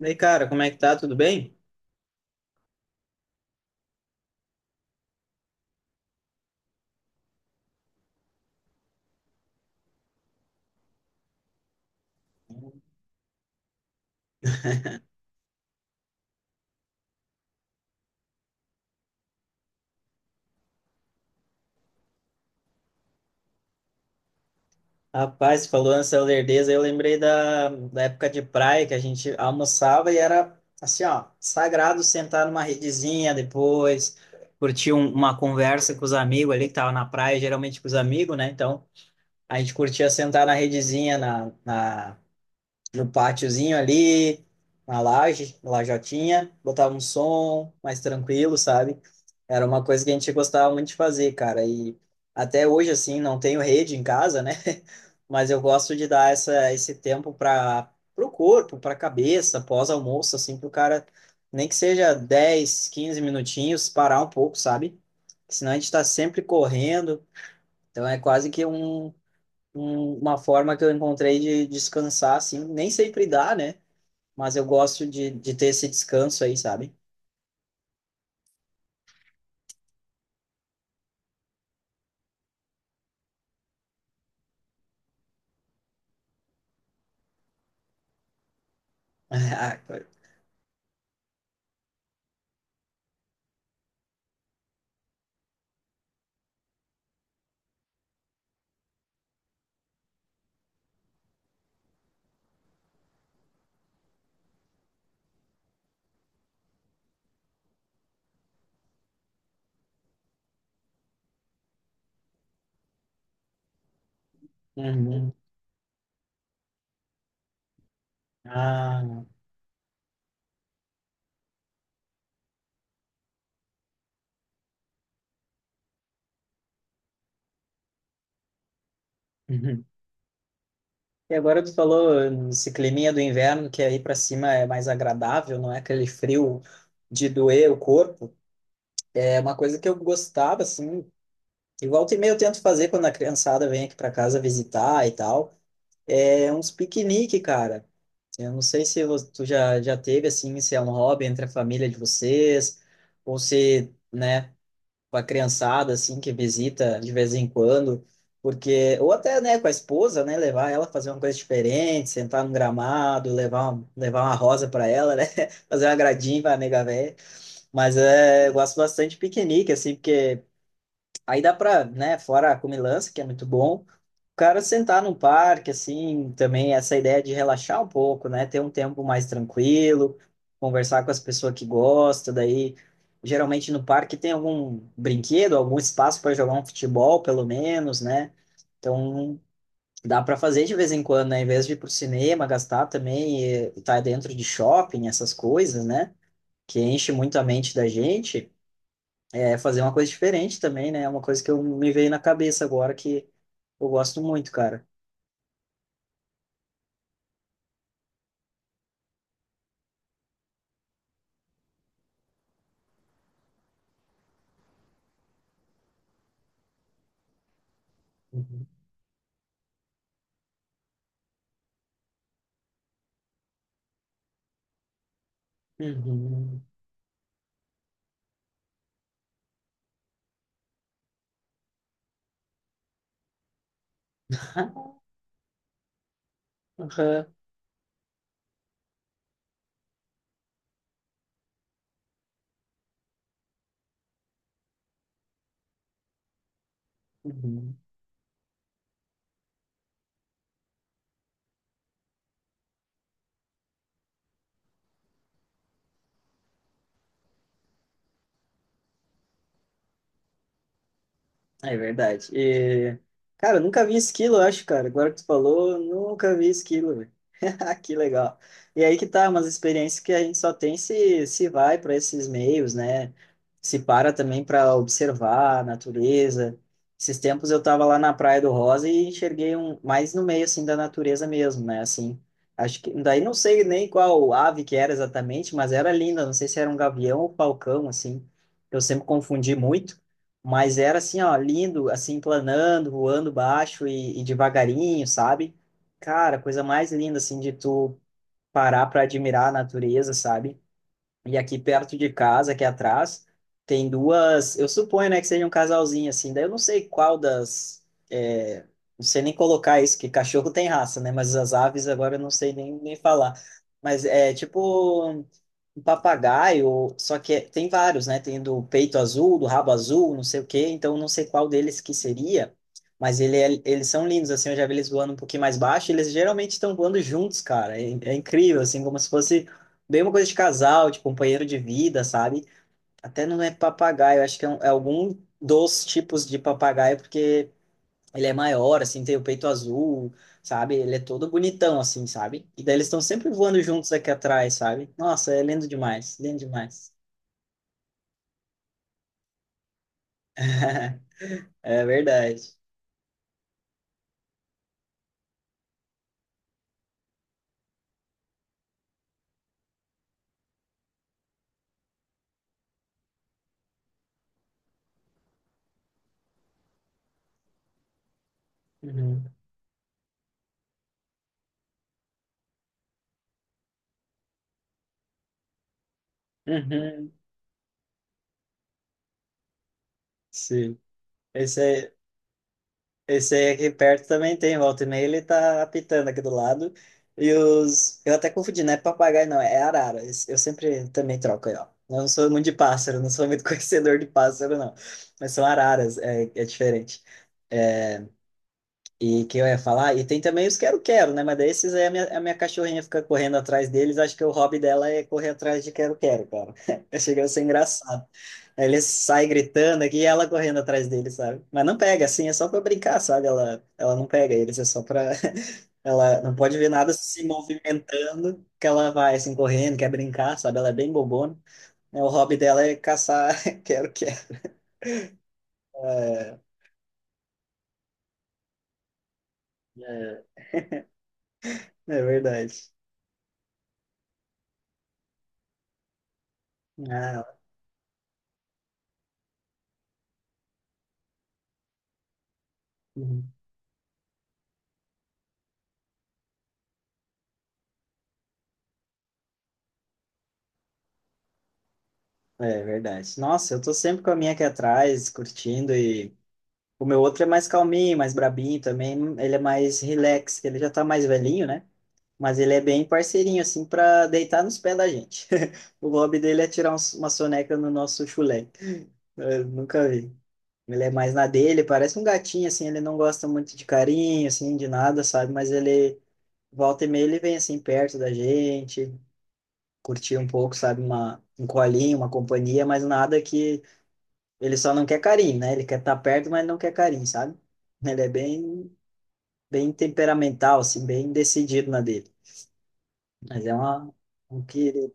E aí, cara, como é que tá? Tudo bem? Rapaz, você falou nessa lerdeza, eu lembrei da época de praia que a gente almoçava e era assim, ó, sagrado sentar numa redezinha depois, curtir uma conversa com os amigos ali que tava na praia, geralmente com os amigos, né? Então, a gente curtia sentar na redezinha, na, na no pátiozinho ali, na laje, lajotinha, botava um som mais tranquilo, sabe? Era uma coisa que a gente gostava muito de fazer, cara. E até hoje, assim, não tenho rede em casa, né? Mas eu gosto de dar essa, esse tempo para o corpo, para a cabeça, pós-almoço, assim, para o cara, nem que seja 10 15 minutinhos, parar um pouco, sabe? Senão a gente está sempre correndo. Então é quase que uma forma que eu encontrei de descansar, assim, nem sempre dá, né? Mas eu gosto de ter esse descanso aí, sabe? Ah, co- Uhum. Ah, uhum. E agora tu falou esse climinha do inverno, que aí para cima é mais agradável, não é aquele frio de doer o corpo. É uma coisa que eu gostava, assim, e volta e meia eu tento fazer quando a criançada vem aqui para casa visitar e tal. É uns piquenique, cara. Eu não sei se tu já, já teve, assim, se é um hobby entre a família de vocês, ou se, né, com a criançada, assim, que visita de vez em quando, porque, ou até, né, com a esposa, né, levar ela a fazer uma coisa diferente, sentar num gramado, levar uma rosa para ela, né, fazer um agradinho pra nega véia, mas é, eu gosto bastante de piquenique, assim, porque aí dá pra, né, fora a comilança, que é muito bom, o cara sentar num parque, assim, também essa ideia de relaxar um pouco, né, ter um tempo mais tranquilo, conversar com as pessoas que gostam, daí geralmente no parque tem algum brinquedo, algum espaço para jogar um futebol, pelo menos, né? Então dá para fazer de vez em quando, né, em vez de ir pro cinema, gastar também e estar dentro de shopping, essas coisas, né, que enche muito a mente da gente é, fazer uma coisa diferente também, né? É uma coisa que eu me veio na cabeça agora que eu gosto muito, cara. Uhum. Uhum. Aham. Uhum. É verdade. E, cara, eu nunca vi esquilo, eu acho, cara. Agora que tu falou, eu nunca vi esquilo. Que legal. E aí que tá, umas experiências que a gente só tem se vai para esses meios, né? Se para também para observar a natureza. Esses tempos eu tava lá na Praia do Rosa e enxerguei um mais no meio assim da natureza mesmo, né? Assim, acho que daí não sei nem qual ave que era exatamente, mas era linda, não sei se era um gavião ou falcão assim. Eu sempre confundi muito. Mas era assim, ó, lindo, assim, planando, voando baixo e devagarinho, sabe? Cara, coisa mais linda, assim, de tu parar pra admirar a natureza, sabe? E aqui perto de casa, aqui atrás, tem duas. Eu suponho, né, que seja um casalzinho assim. Daí eu não sei qual das. É, não sei nem colocar isso, que cachorro tem raça, né? Mas as aves agora eu não sei nem falar. Mas é tipo um papagaio, só que tem vários, né? Tem do peito azul, do rabo azul, não sei o quê. Então eu não sei qual deles que seria. Mas eles são lindos, assim. Eu já vi eles voando um pouquinho mais baixo. Eles geralmente estão voando juntos, cara. É, é incrível, assim, como se fosse. Bem uma coisa de casal, de companheiro de vida, sabe? Até não é papagaio, acho que é, é algum dos tipos de papagaio, porque ele é maior, assim, tem o peito azul, sabe? Ele é todo bonitão, assim, sabe? E daí eles estão sempre voando juntos aqui atrás, sabe? Nossa, é lindo demais, lindo demais. É verdade. Uhum. Uhum. Sim. Esse é. Esse aí aqui perto também tem, volta e meia ele tá apitando aqui do lado. E os. Eu até confundi, não é papagaio, não, é arara. Esse- Eu sempre também troco aí, ó. Eu não sou muito de pássaro, não sou muito conhecedor de pássaro, não. Mas são araras, é, é diferente. E que eu ia falar, e tem também os quero-quero, né? Mas daí esses aí a minha cachorrinha fica correndo atrás deles. Acho que o hobby dela é correr atrás de quero-quero, cara. Chega a ser engraçado. Aí ele sai gritando aqui e ela correndo atrás dele, sabe? Mas não pega, assim, é só pra brincar, sabe? Ela não pega eles, é só pra. Ela não pode ver nada se movimentando, que ela vai, assim, correndo, quer brincar, sabe? Ela é bem bobona. É, o hobby dela é caçar, quero que é, é, é verdade. Ah, uhum. É verdade. Nossa, eu tô sempre com a minha aqui atrás, curtindo e. O meu outro é mais calminho, mais brabinho também. Ele é mais relax, que ele já tá mais velhinho, né? Mas ele é bem parceirinho, assim, para deitar nos pés da gente. O hobby dele é tirar uma soneca no nosso chulé. Eu nunca vi. Ele é mais na dele, parece um gatinho, assim, ele não gosta muito de carinho, assim, de nada, sabe? Mas ele, volta e meia, ele vem, assim, perto da gente, curtir um pouco, sabe? Uma, um colinho, uma companhia, mas nada que... Ele só não quer carinho, né? Ele quer estar perto, mas não quer carinho, sabe? Ele é bem, bem temperamental, assim, bem decidido na dele. Mas é uma, um querido.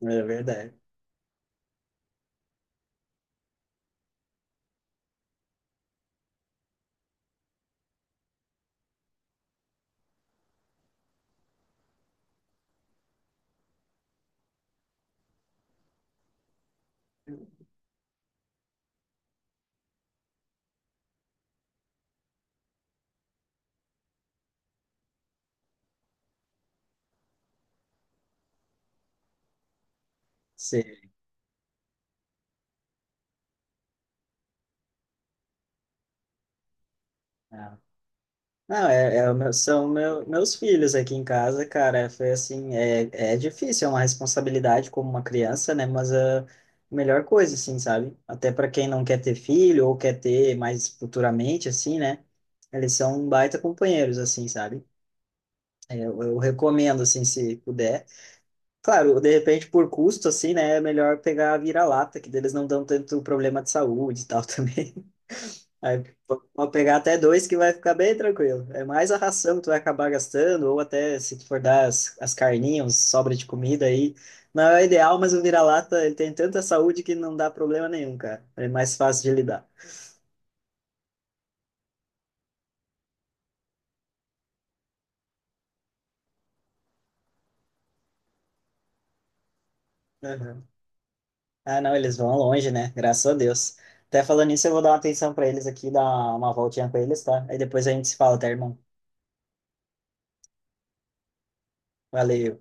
É verdade. Sim. Ah. Não, é, é o meus filhos aqui em casa, cara. Foi assim, é difícil, é uma responsabilidade como uma criança, né? Mas a melhor coisa, assim, sabe? Até para quem não quer ter filho ou quer ter mais futuramente, assim, né? Eles são um baita companheiros, assim, sabe? É, eu recomendo, assim, se puder. Claro, de repente, por custo, assim, né? É melhor pegar a vira-lata, que deles não dão tanto problema de saúde e tal também. Aí p- Pode pegar até dois que vai ficar bem tranquilo. É mais a ração que tu vai acabar gastando, ou até se tu for dar as carninhas, sobra de comida aí. Não é o ideal, mas o vira-lata ele tem tanta saúde que não dá problema nenhum, cara. É mais fácil de lidar. Uhum. Ah, não, eles vão longe, né? Graças a Deus. Até falando nisso, eu vou dar uma atenção para eles aqui, dar uma voltinha com eles, tá? Aí depois a gente se fala, tá, irmão? Valeu.